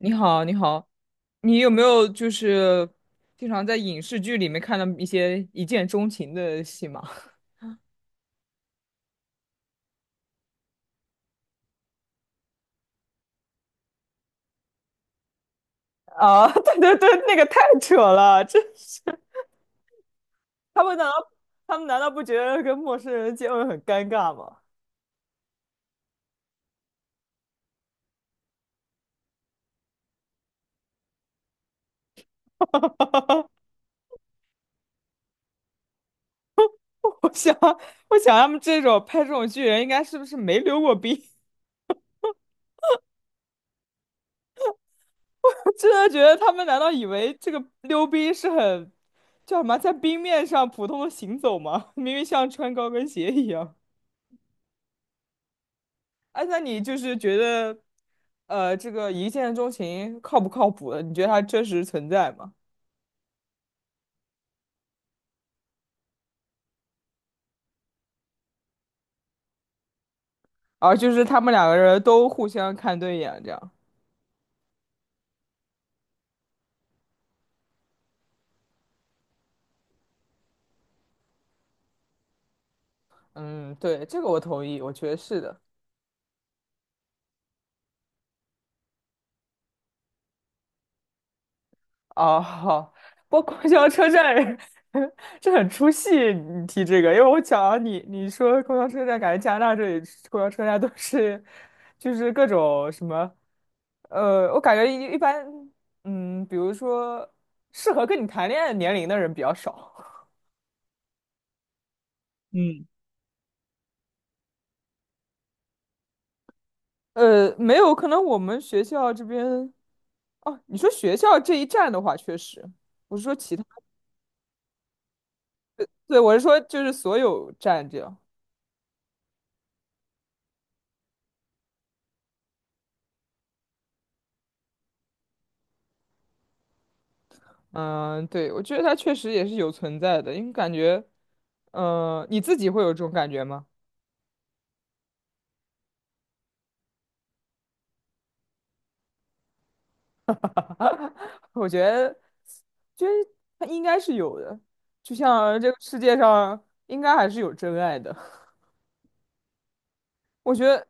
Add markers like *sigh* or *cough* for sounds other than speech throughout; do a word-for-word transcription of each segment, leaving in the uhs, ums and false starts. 你好，你好，你有没有就是经常在影视剧里面看到一些一见钟情的戏码？啊，*laughs* 对对对，那个太扯了，真是，他们难道他们难道不觉得跟陌生人接吻很尴尬吗？*laughs* 哈哈哈哈我想，我想他们这种拍这种剧人，应该是不是没溜过冰？*laughs* 真的觉得他们难道以为这个溜冰是很叫什么，在冰面上普通的行走吗？*laughs* 明明像穿高跟鞋一样。哎，那你就是觉得，呃，这个一见钟情靠不靠谱的你觉得它真实存在吗？啊，就是他们两个人都互相看对眼，这样。嗯，对，这个我同意，我觉得是的。哦，好，不过公交车站，*laughs* 这很出戏，你提这个，因为我讲你你说公交车站，感觉加拿大这里公交车站都是，就是各种什么，呃，我感觉一一般，嗯，比如说适合跟你谈恋爱年龄的人比较少。嗯，呃，没有，可能我们学校这边，哦，你说学校这一站的话，确实，我是说其他，对，我是说就是所有站这样，嗯，对，我觉得它确实也是有存在的，因为感觉，呃，你自己会有这种感觉吗？*laughs* 我觉得，就得它应该是有的，就像这个世界上应该还是有真爱的，*laughs* 我觉得。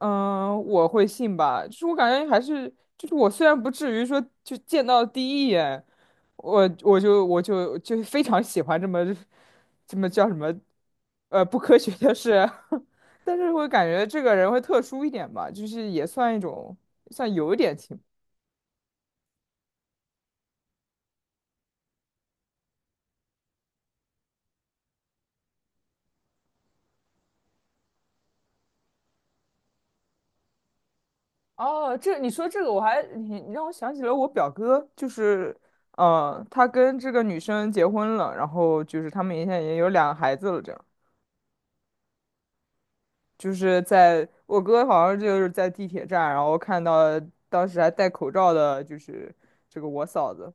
嗯，我会信吧，就是我感觉还是，就是我虽然不至于说就见到第一眼，我我就我就就非常喜欢这么这么叫什么，呃，不科学的事啊，*laughs* 但是会感觉这个人会特殊一点吧，就是也算一种，算有一点情。哦，这你说这个我还你你让我想起了我表哥，就是呃，他跟这个女生结婚了，然后就是他们现在也有两个孩子了，这样。就是在我哥好像就是在地铁站，然后看到当时还戴口罩的，就是这个我嫂子，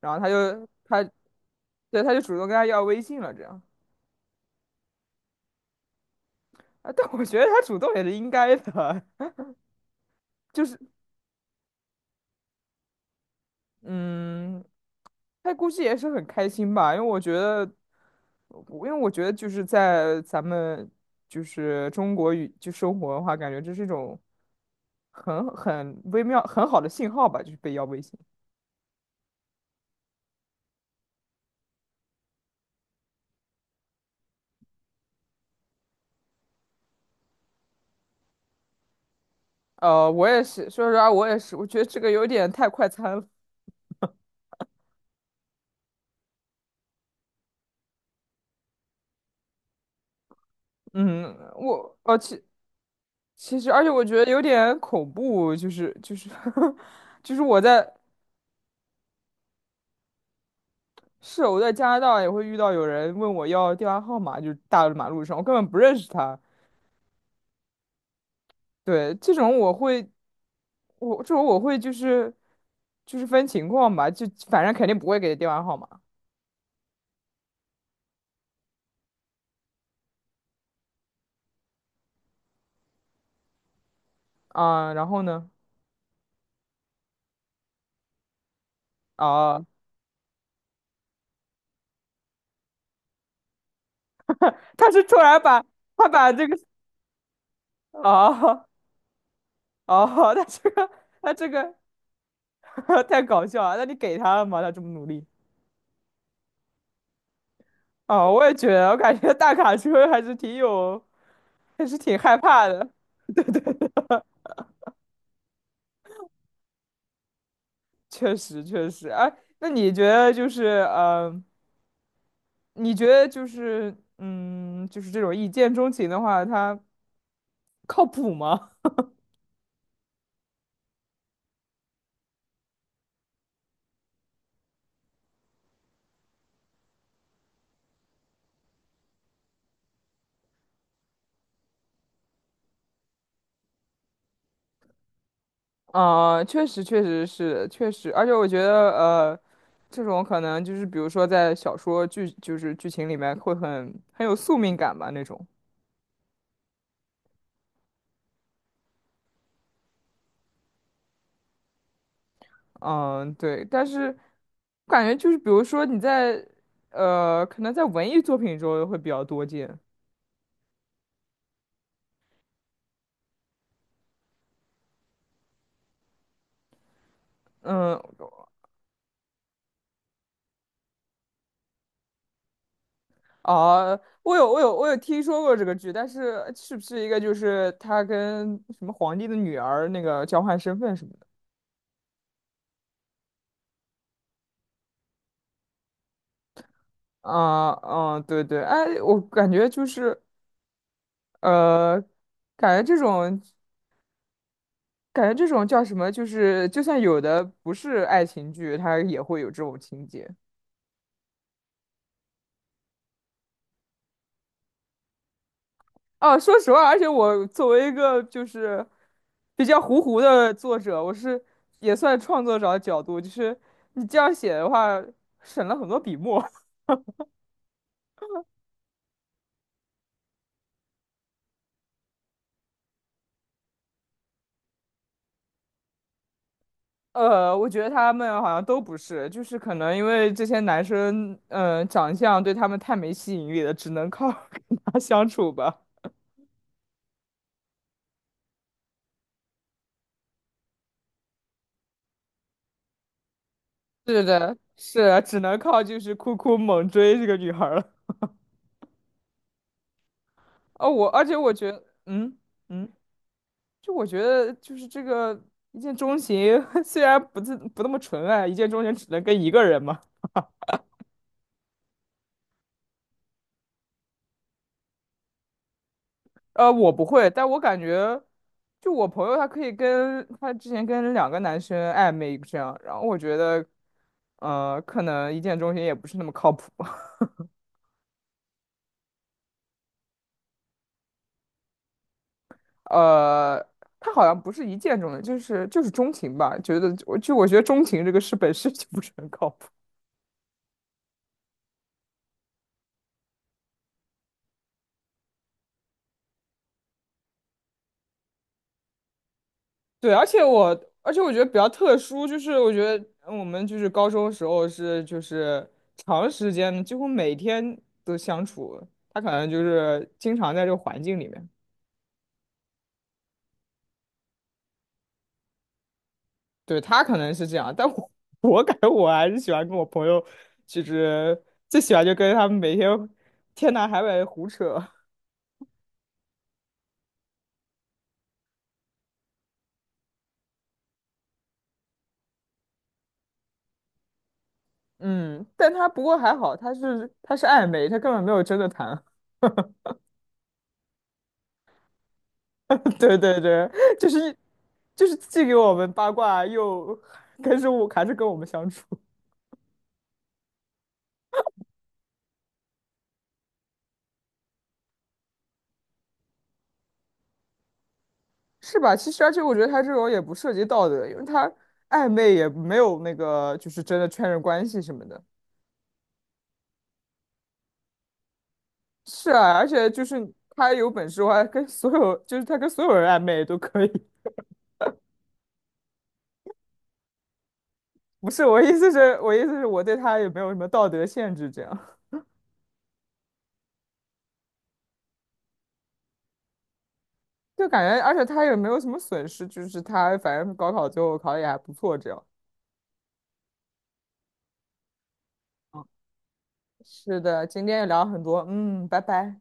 然后他就他对他就主动跟他要微信了，这样啊，但我觉得他主动也是应该的，*laughs* 就是嗯，他估计也是很开心吧，因为我觉得，我因为我觉得就是在咱们就是中国语就生活的话，感觉这是一种很很微妙很好的信号吧，就是被要微信。呃，我也是，说实话，我也是，我觉得这个有点太快餐了。嗯，我呃，其其实，而且我觉得有点恐怖，就是就是 *laughs* 就是我在是我在加拿大也会遇到有人问我要电话号码，就是大马路上，我根本不认识他。对，这种我会，我这种我会就是就是分情况吧，就反正肯定不会给电话号码啊。然后呢，啊，他是突然把他把这个，啊啊，*laughs* 他这个。他这个 *laughs* 太搞笑了。那你给他了吗？他这么努力？哦，我也觉得，我感觉大卡车还是挺有，还是挺害怕的。确实，确实。哎，那你觉得就是，呃，你觉得就是，嗯，就是这种一见钟情的话，它靠谱吗？*laughs* 啊、确实，确实是，确实。而且我觉得，呃，这种可能就是，比如说在小说剧，就是剧情里面会很很有宿命感吧那种。嗯，对，但是我感觉就是，比如说你在呃，可能在文艺作品中会比较多见。嗯，啊，我有我有我有听说过这个剧，但是是不是一个就是他跟什么皇帝的女儿那个交换身份什么的？啊、嗯，对对，哎，我感觉就是呃，感觉这种感觉这种叫什么，就是就算有的不是爱情剧，它也会有这种情节。啊，说实话，而且我作为一个就是比较糊糊的作者，我是也算创作者的角度，就是你这样写的话，省了很多笔墨。*laughs* 呃，我觉得他们好像都不是，就是可能因为这些男生，嗯、长相对他们太没吸引力了，只能靠 *laughs* 跟他相处吧。*laughs* 是的，是的只能靠就是酷酷猛追这个女孩儿了。哦，我而且我觉得，嗯嗯。就我觉得，就是这个一见钟情，*laughs* 虽然不自不那么纯爱，一见钟情只能跟一个人嘛。呃，我不会，但我感觉，就我朋友他可以跟他之前跟两个男生暧昧这样，然后我觉得，呃，可能一见钟情也不是那么靠谱。*laughs* 呃，他好像不是一见钟情，就是就是钟情吧。觉得我就我觉得钟情这个事本身 *laughs* 就不是很靠谱。对，而且我，而且我觉得比较特殊，就是我觉得我们就是高中时候是就是长时间的几乎每天都相处，他可能就是经常在这个环境里面，对，他可能是这样，但我 *laughs* 我感觉我还是喜欢跟我朋友，就是最喜欢就跟他们每天天南海北胡扯，*laughs* 嗯，但他不过还好，他是他是暧昧，他根本没有真的谈。*laughs* *laughs* 对对对，就是就是既给我们八卦，又跟着我，还是跟我们相处，是吧？其实，而且我觉得他这种也不涉及道德，因为他暧昧也没有那个，就是真的确认关系什么的。是啊，而且就是他有本事，我还跟所有，就是他跟所有人暧昧都可以。不是，我意思是，我意思是我对他也没有什么道德限制，这样就感觉，而且他也没有什么损失，就是他反正高考最后考的也还不错，这样。是的，今天也聊了很多，嗯，拜拜。